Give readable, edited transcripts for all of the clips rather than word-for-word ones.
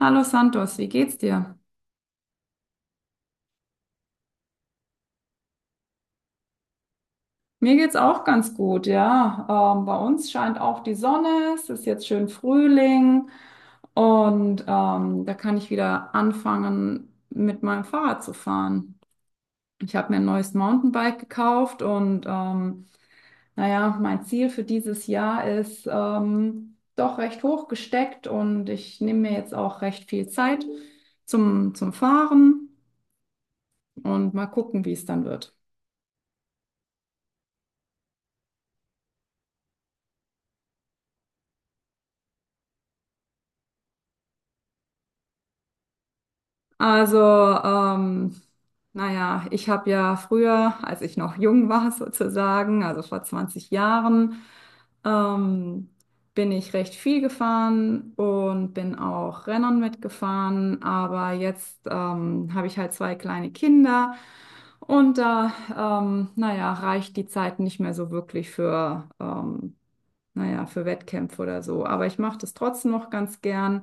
Hallo Santos, wie geht's dir? Mir geht's auch ganz gut, ja. Bei uns scheint auch die Sonne, es ist jetzt schön Frühling und da kann ich wieder anfangen, mit meinem Fahrrad zu fahren. Ich habe mir ein neues Mountainbike gekauft und naja, mein Ziel für dieses Jahr ist doch recht hoch gesteckt und ich nehme mir jetzt auch recht viel Zeit zum Fahren und mal gucken, wie es dann wird. Also, ähm, naja, ich habe ja früher, als ich noch jung war sozusagen, also vor 20 Jahren, ähm, bin ich recht viel gefahren und bin auch Rennern mitgefahren. Aber jetzt habe ich halt zwei kleine Kinder und da, naja, reicht die Zeit nicht mehr so wirklich für, naja, für Wettkämpfe oder so. Aber ich mache das trotzdem noch ganz gern.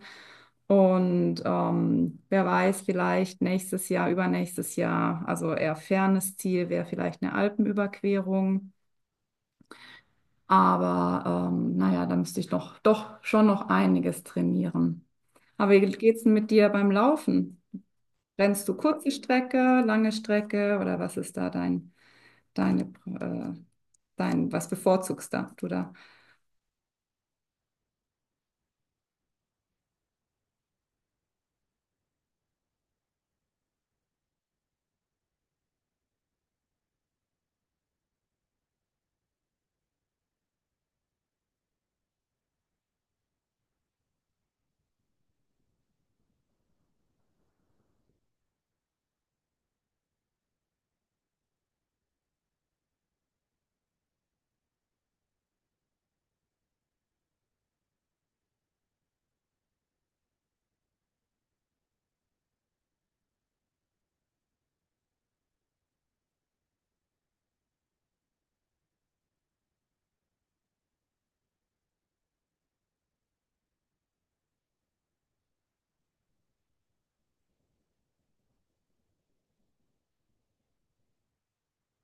Und wer weiß, vielleicht nächstes Jahr, übernächstes Jahr, also eher fernes Ziel wäre vielleicht eine Alpenüberquerung. Aber naja, da müsste ich noch, doch schon noch einiges trainieren. Aber wie geht's denn mit dir beim Laufen? Rennst du kurze Strecke, lange Strecke oder was ist da deine, äh, was bevorzugst da, du da?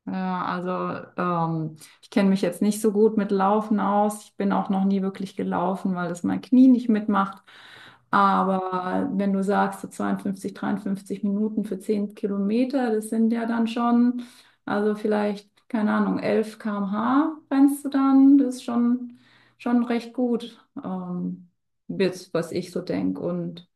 Ja, also ich kenne mich jetzt nicht so gut mit Laufen aus. Ich bin auch noch nie wirklich gelaufen, weil das mein Knie nicht mitmacht. Aber wenn du sagst, so 52, 53 Minuten für 10 Kilometer, das sind ja dann schon, also vielleicht, keine Ahnung, 11 km/h rennst du dann, das ist schon, schon recht gut, jetzt, was ich so denke. Und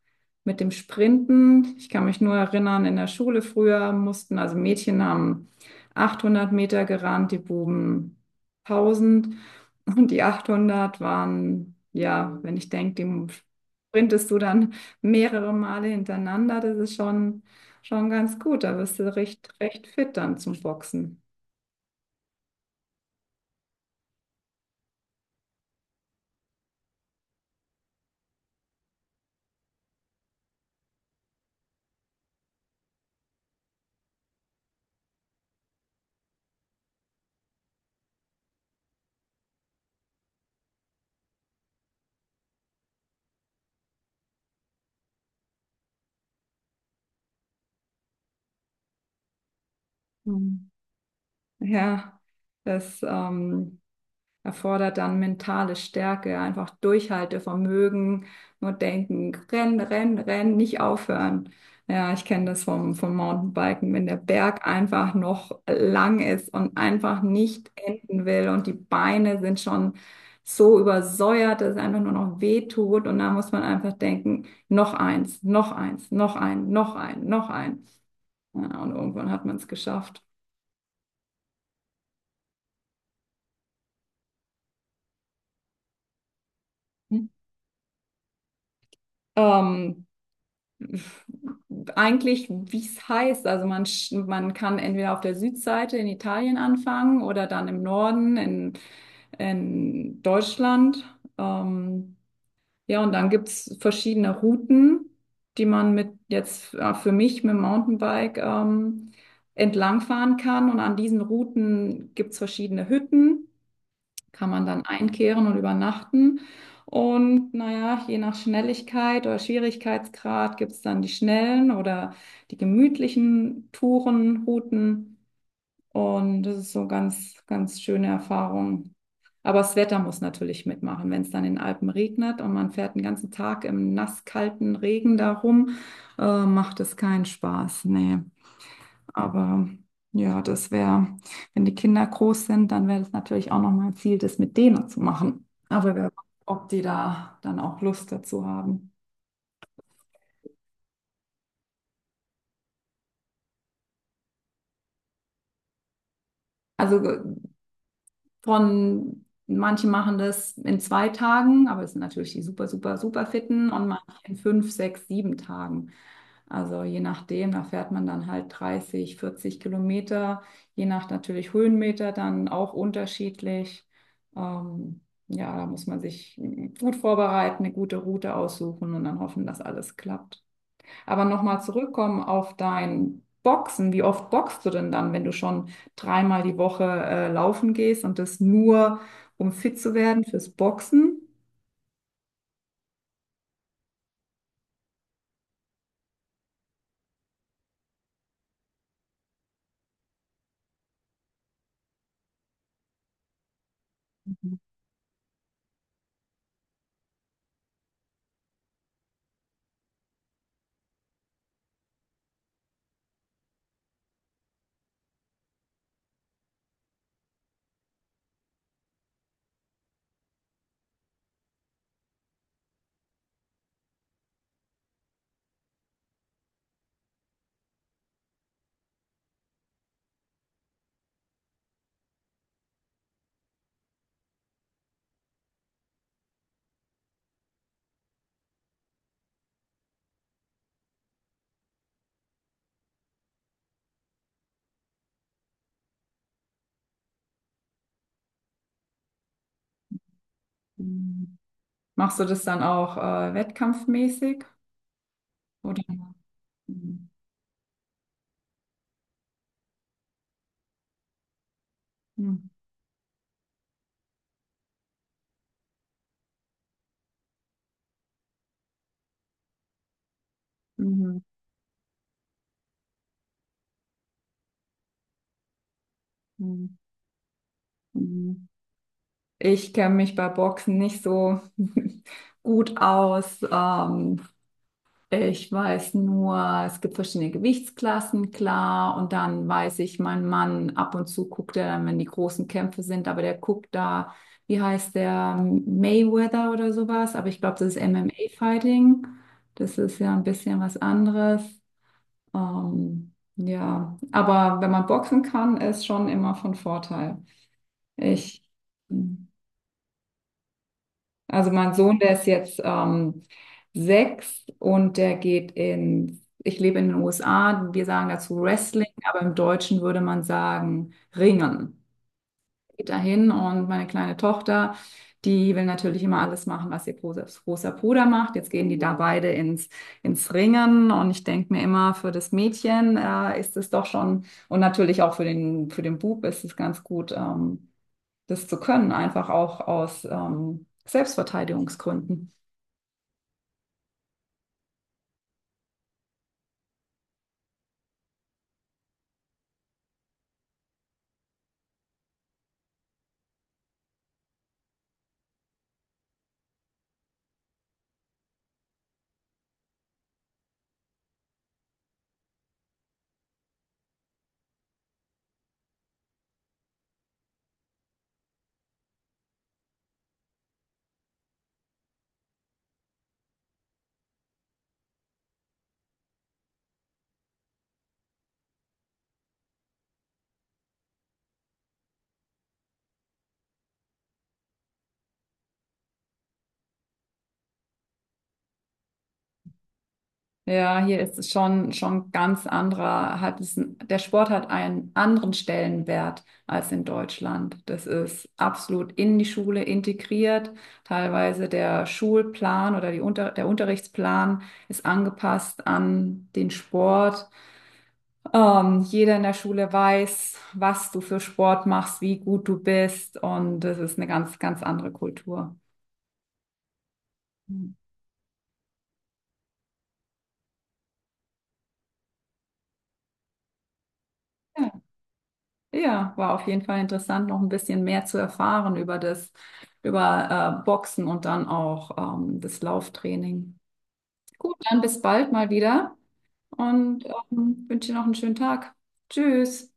mit dem Sprinten, ich kann mich nur erinnern, in der Schule früher mussten, also Mädchen haben 800 Meter gerannt, die Buben 1000 und die 800 waren, ja, wenn ich denke, die sprintest du dann mehrere Male hintereinander, das ist schon, schon ganz gut, da bist du recht, recht fit dann zum Boxen. Mhm. Ja, das erfordert dann mentale Stärke, ja, einfach Durchhaltevermögen, nur denken, rennen, rennen, rennen, nicht aufhören. Ja, ich kenne das vom Mountainbiken, wenn der Berg einfach noch lang ist und einfach nicht enden will und die Beine sind schon so übersäuert, dass es einfach nur noch weh tut und da muss man einfach denken, noch eins, noch eins, noch ein, noch ein, noch ein. Ja, und irgendwann hat man es geschafft. Hm. Ähm, Eigentlich, wie es heißt. Also man kann entweder auf der Südseite in Italien anfangen oder dann im Norden in Deutschland. Ähm, ja, und dann gibt's verschiedene Routen, die man mit jetzt für mich mit dem Mountainbike entlangfahren kann. Und an diesen Routen gibt's verschiedene Hütten kann man dann einkehren und übernachten. Und naja, je nach Schnelligkeit oder Schwierigkeitsgrad gibt es dann die schnellen oder die gemütlichen Touren, Routen. Und das ist so ganz, ganz schöne Erfahrung. Aber das Wetter muss natürlich mitmachen. Wenn es dann in den Alpen regnet und man fährt den ganzen Tag im nasskalten Regen da rum, macht es keinen Spaß. Nee. Aber ja, das wäre, wenn die Kinder groß sind, dann wäre das natürlich auch nochmal ein Ziel, das mit denen zu machen. Aber wer weiß, ob die da dann auch Lust dazu haben. Also von manche machen das in zwei Tagen, aber es sind natürlich die super, super, super fitten und manche in fünf, sechs, sieben Tagen. Also je nachdem, da fährt man dann halt 30, 40 Kilometer, je nach natürlich Höhenmeter dann auch unterschiedlich. Ähm, ja, da muss man sich gut vorbereiten, eine gute Route aussuchen und dann hoffen, dass alles klappt. Aber nochmal zurückkommen auf dein Boxen. Wie oft boxst du denn dann, wenn du schon dreimal die Woche laufen gehst und das nur, um fit zu werden fürs Boxen? Mhm. Machst du das dann auch wettkampfmäßig? Oder? Mhm. Mhm. Mhm. Mhm. Mhm. Ich kenne mich bei Boxen nicht so gut aus. Ich weiß nur, es gibt verschiedene Gewichtsklassen, klar. Und dann weiß ich, mein Mann, ab und zu guckt er dann, wenn die großen Kämpfe sind, aber der guckt da, wie heißt der, Mayweather oder sowas. Aber ich glaube, das ist MMA-Fighting. Das ist ja ein bisschen was anderes. Ja, aber wenn man boxen kann, ist schon immer von Vorteil. Ich. Hm. Also mein Sohn, der ist jetzt sechs und der geht in, ich lebe in den USA, wir sagen dazu Wrestling, aber im Deutschen würde man sagen Ringen. Geht dahin und meine kleine Tochter, die will natürlich immer alles machen, was ihr großer Bruder macht. Jetzt gehen die da beide ins Ringen und ich denke mir immer, für das Mädchen ist es doch schon, und natürlich auch für für den Bub ist es ganz gut. Das zu können, einfach auch aus Selbstverteidigungsgründen. Ja, hier ist es schon, schon ganz anderer, hat es, der Sport hat einen anderen Stellenwert als in Deutschland. Das ist absolut in die Schule integriert. Teilweise der Schulplan oder der Unterrichtsplan ist angepasst an den Sport. Jeder in der Schule weiß, was du für Sport machst, wie gut du bist und das ist eine ganz, ganz andere Kultur. Ja. Ja, war auf jeden Fall interessant, noch ein bisschen mehr zu erfahren über das, über Boxen und dann auch das Lauftraining. Gut, dann bis bald mal wieder und wünsche dir noch einen schönen Tag. Tschüss.